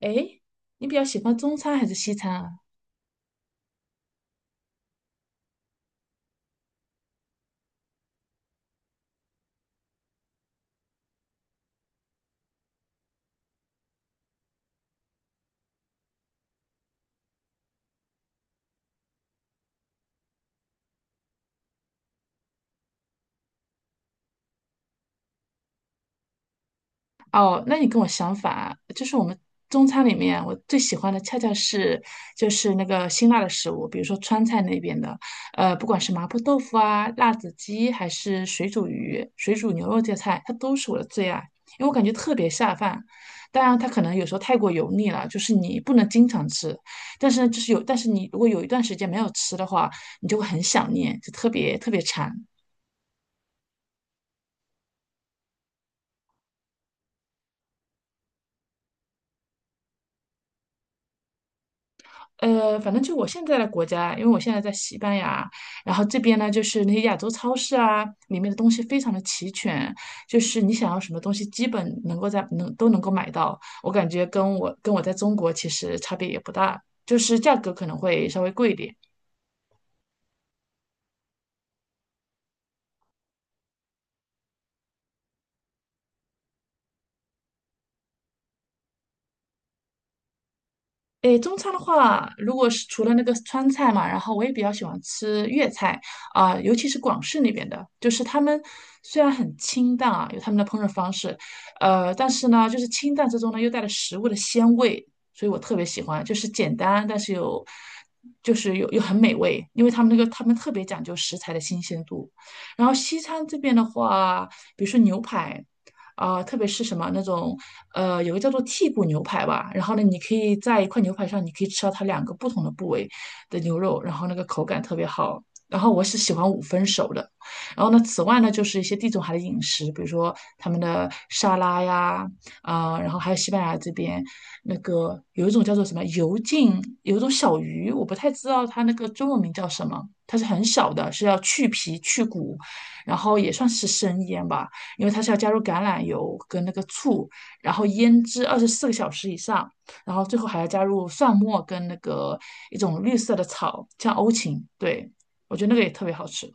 诶，你比较喜欢中餐还是西餐啊？哦，那你跟我想反啊就是我们中餐里面，我最喜欢的恰恰是就是那个辛辣的食物，比如说川菜那边的，不管是麻婆豆腐啊、辣子鸡，还是水煮鱼、水煮牛肉这些菜，它都是我的最爱，因为我感觉特别下饭。当然，它可能有时候太过油腻了，就是你不能经常吃，但是呢，就是有，但是你如果有一段时间没有吃的话，你就会很想念，就特别特别馋。反正就我现在的国家，因为我现在在西班牙，然后这边呢，就是那些亚洲超市啊，里面的东西非常的齐全，就是你想要什么东西，基本能够在能都能够买到。我感觉跟我在中国其实差别也不大，就是价格可能会稍微贵一点。诶，中餐的话，如果是除了那个川菜嘛，然后我也比较喜欢吃粤菜啊、尤其是广式那边的，就是他们虽然很清淡啊，有他们的烹饪方式，但是呢，就是清淡之中呢又带了食物的鲜味，所以我特别喜欢，就是简单但是有，就是又很美味，因为他们特别讲究食材的新鲜度。然后西餐这边的话，比如说牛排。啊、特别是什么那种有个叫做剔骨牛排吧，然后呢，你可以在一块牛排上，你可以吃到它两个不同的部位的牛肉，然后那个口感特别好。然后我是喜欢五分熟的，然后呢，此外呢，就是一些地中海的饮食，比如说他们的沙拉呀，啊、然后还有西班牙这边那个有一种叫做什么油浸，有一种小鱼，我不太知道它那个中文名叫什么，它是很小的，是要去皮去骨，然后也算是生腌吧。因为它是要加入橄榄油跟那个醋，然后腌制24个小时以上，然后最后还要加入蒜末跟那个一种绿色的草，像欧芹，对，我觉得那个也特别好吃。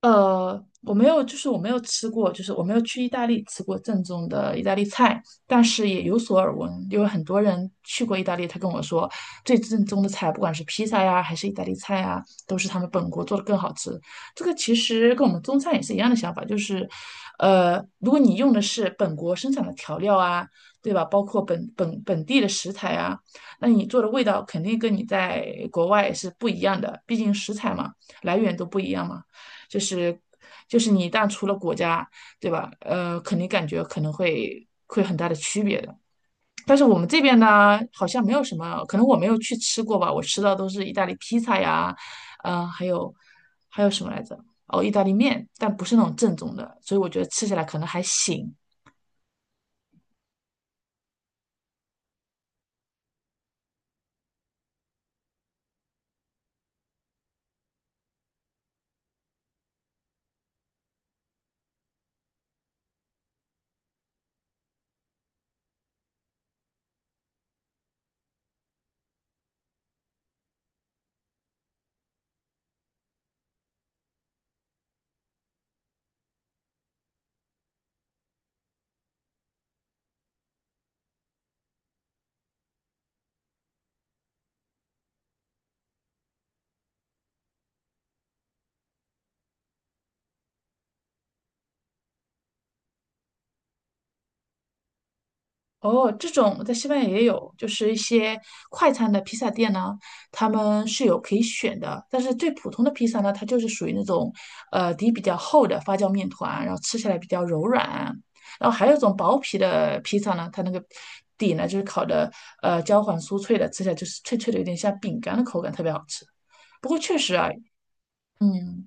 呃，我没有，就是我没有吃过，就是我没有去意大利吃过正宗的意大利菜，但是也有所耳闻，因为很多人去过意大利，他跟我说，最正宗的菜，不管是披萨呀，还是意大利菜啊，都是他们本国做的更好吃。这个其实跟我们中餐也是一样的想法，就是，如果你用的是本国生产的调料啊，对吧？包括本地的食材啊，那你做的味道肯定跟你在国外是不一样的，毕竟食材嘛，来源都不一样嘛。就是就是你一旦出了国家，对吧？肯定感觉可能会很大的区别的。但是我们这边呢，好像没有什么，可能我没有去吃过吧，我吃到都是意大利披萨呀，嗯、还有什么来着？哦，意大利面，但不是那种正宗的，所以我觉得吃起来可能还行。哦，这种在西班牙也有，就是一些快餐的披萨店呢，他们是有可以选的。但是最普通的披萨呢，它就是属于那种，底比较厚的发酵面团，然后吃起来比较柔软。然后还有一种薄皮的披萨呢，它那个底呢就是烤的，焦黄酥脆的，吃起来就是脆脆的，有点像饼干的口感，特别好吃。不过确实啊，嗯。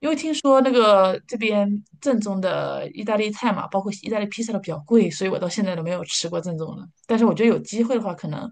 因为听说那个这边正宗的意大利菜嘛，包括意大利披萨都比较贵，所以我到现在都没有吃过正宗的。但是我觉得有机会的话，可能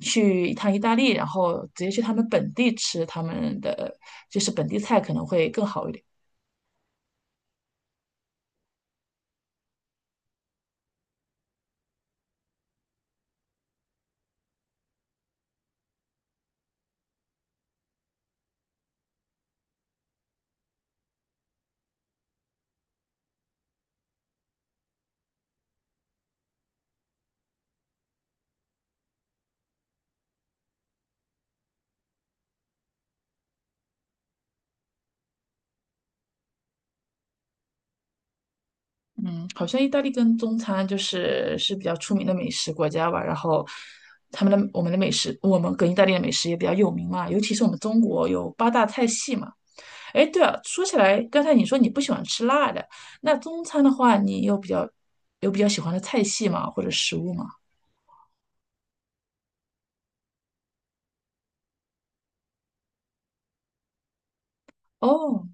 去一趟意大利，然后直接去他们本地吃他们的就是本地菜，可能会更好一点。嗯，好像意大利跟中餐就是是比较出名的美食国家吧，然后他们的我们的美食，我们跟意大利的美食也比较有名嘛，尤其是我们中国有八大菜系嘛。哎，对了，说起来，刚才你说你不喜欢吃辣的，那中餐的话，你有比较喜欢的菜系吗？或者食物吗？哦，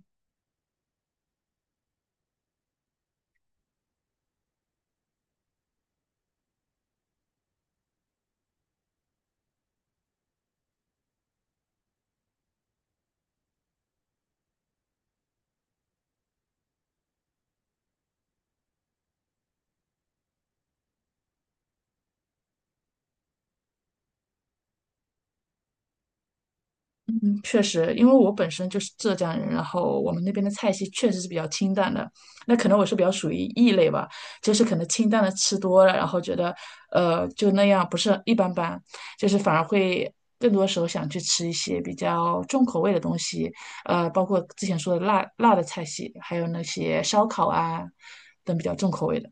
嗯确实，因为我本身就是浙江人，然后我们那边的菜系确实是比较清淡的，那可能我是比较属于异类吧，就是可能清淡的吃多了，然后觉得呃就那样，不是一般般，就是反而会更多时候想去吃一些比较重口味的东西，包括之前说的辣辣的菜系，还有那些烧烤啊等比较重口味的。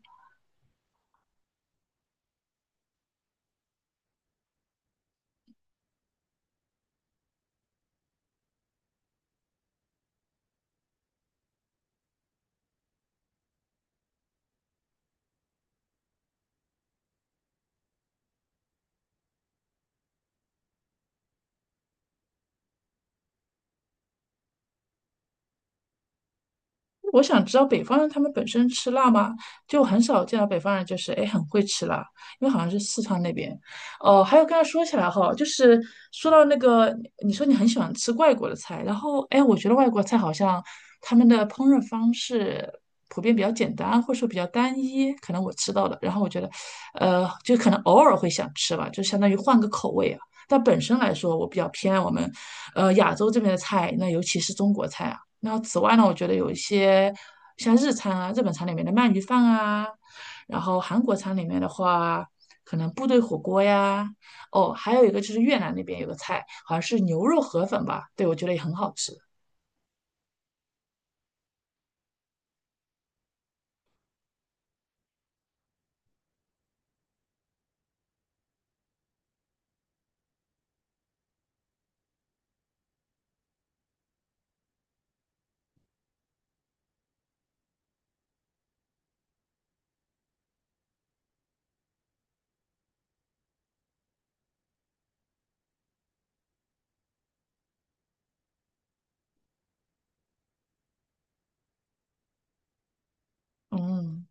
我想知道北方人他们本身吃辣吗？就很少见到北方人就是哎很会吃辣，因为好像是四川那边。哦，还有刚才说起来哈，就是说到那个，你说你很喜欢吃外国的菜，然后哎，我觉得外国菜好像他们的烹饪方式普遍比较简单，或者说比较单一，可能我吃到的，然后我觉得，就可能偶尔会想吃吧，就相当于换个口味啊。但本身来说，我比较偏爱我们，亚洲这边的菜，那尤其是中国菜啊。那此外呢，我觉得有一些像日餐啊、日本餐里面的鳗鱼饭啊，然后韩国餐里面的话，可能部队火锅呀，哦，还有一个就是越南那边有个菜，好像是牛肉河粉吧，对，我觉得也很好吃。嗯。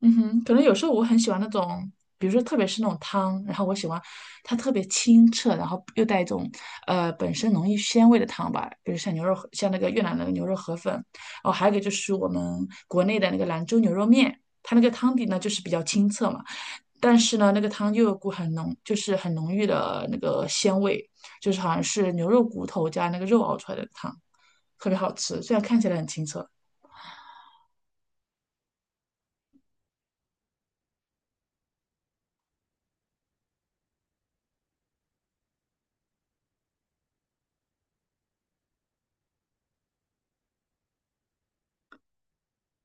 嗯哼，可能有时候我很喜欢那种，比如说特别是那种汤，然后我喜欢它特别清澈，然后又带一种本身浓郁鲜味的汤吧，比如像牛肉，像那个越南的牛肉河粉，哦，还有一个就是我们国内的那个兰州牛肉面，它那个汤底呢就是比较清澈嘛，但是呢那个汤又有股很浓，就是很浓郁的那个鲜味，就是好像是牛肉骨头加那个肉熬出来的汤，特别好吃，虽然看起来很清澈。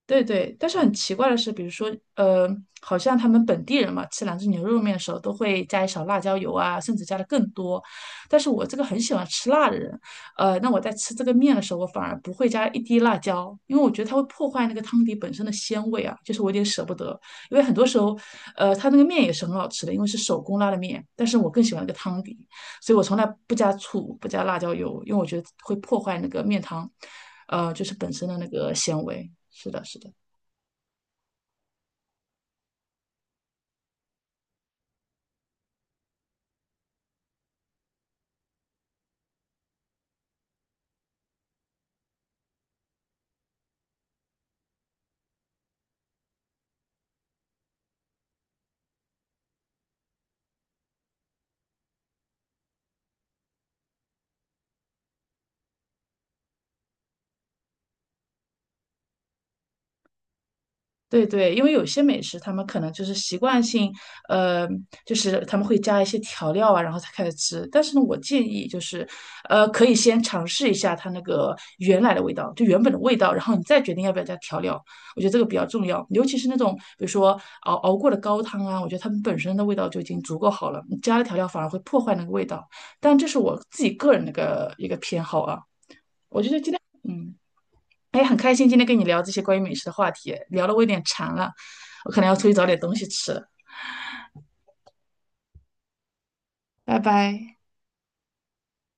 对对，但是很奇怪的是，比如说，呃，好像他们本地人嘛，吃兰州牛肉面的时候都会加一勺辣椒油啊，甚至加的更多。但是我这个很喜欢吃辣的人，那我在吃这个面的时候，我反而不会加一滴辣椒，因为我觉得它会破坏那个汤底本身的鲜味啊，就是我有点舍不得。因为很多时候，它那个面也是很好吃的，因为是手工拉的面，但是我更喜欢那个汤底。所以我从来不加醋，不加辣椒油，因为我觉得会破坏那个面汤，就是本身的那个纤维。是的，是的。对对，因为有些美食他们可能就是习惯性，呃，就是他们会加一些调料啊，然后才开始吃。但是呢，我建议就是，可以先尝试一下它那个原来的味道，就原本的味道，然后你再决定要不要加调料。我觉得这个比较重要，尤其是那种比如说熬过的高汤啊，我觉得它们本身的味道就已经足够好了，你加了调料反而会破坏那个味道。但这是我自己个人的一个偏好啊，嗯。哎，很开心今天跟你聊这些关于美食的话题，聊的我有点馋了，我可能要出去找点东西吃了，拜拜。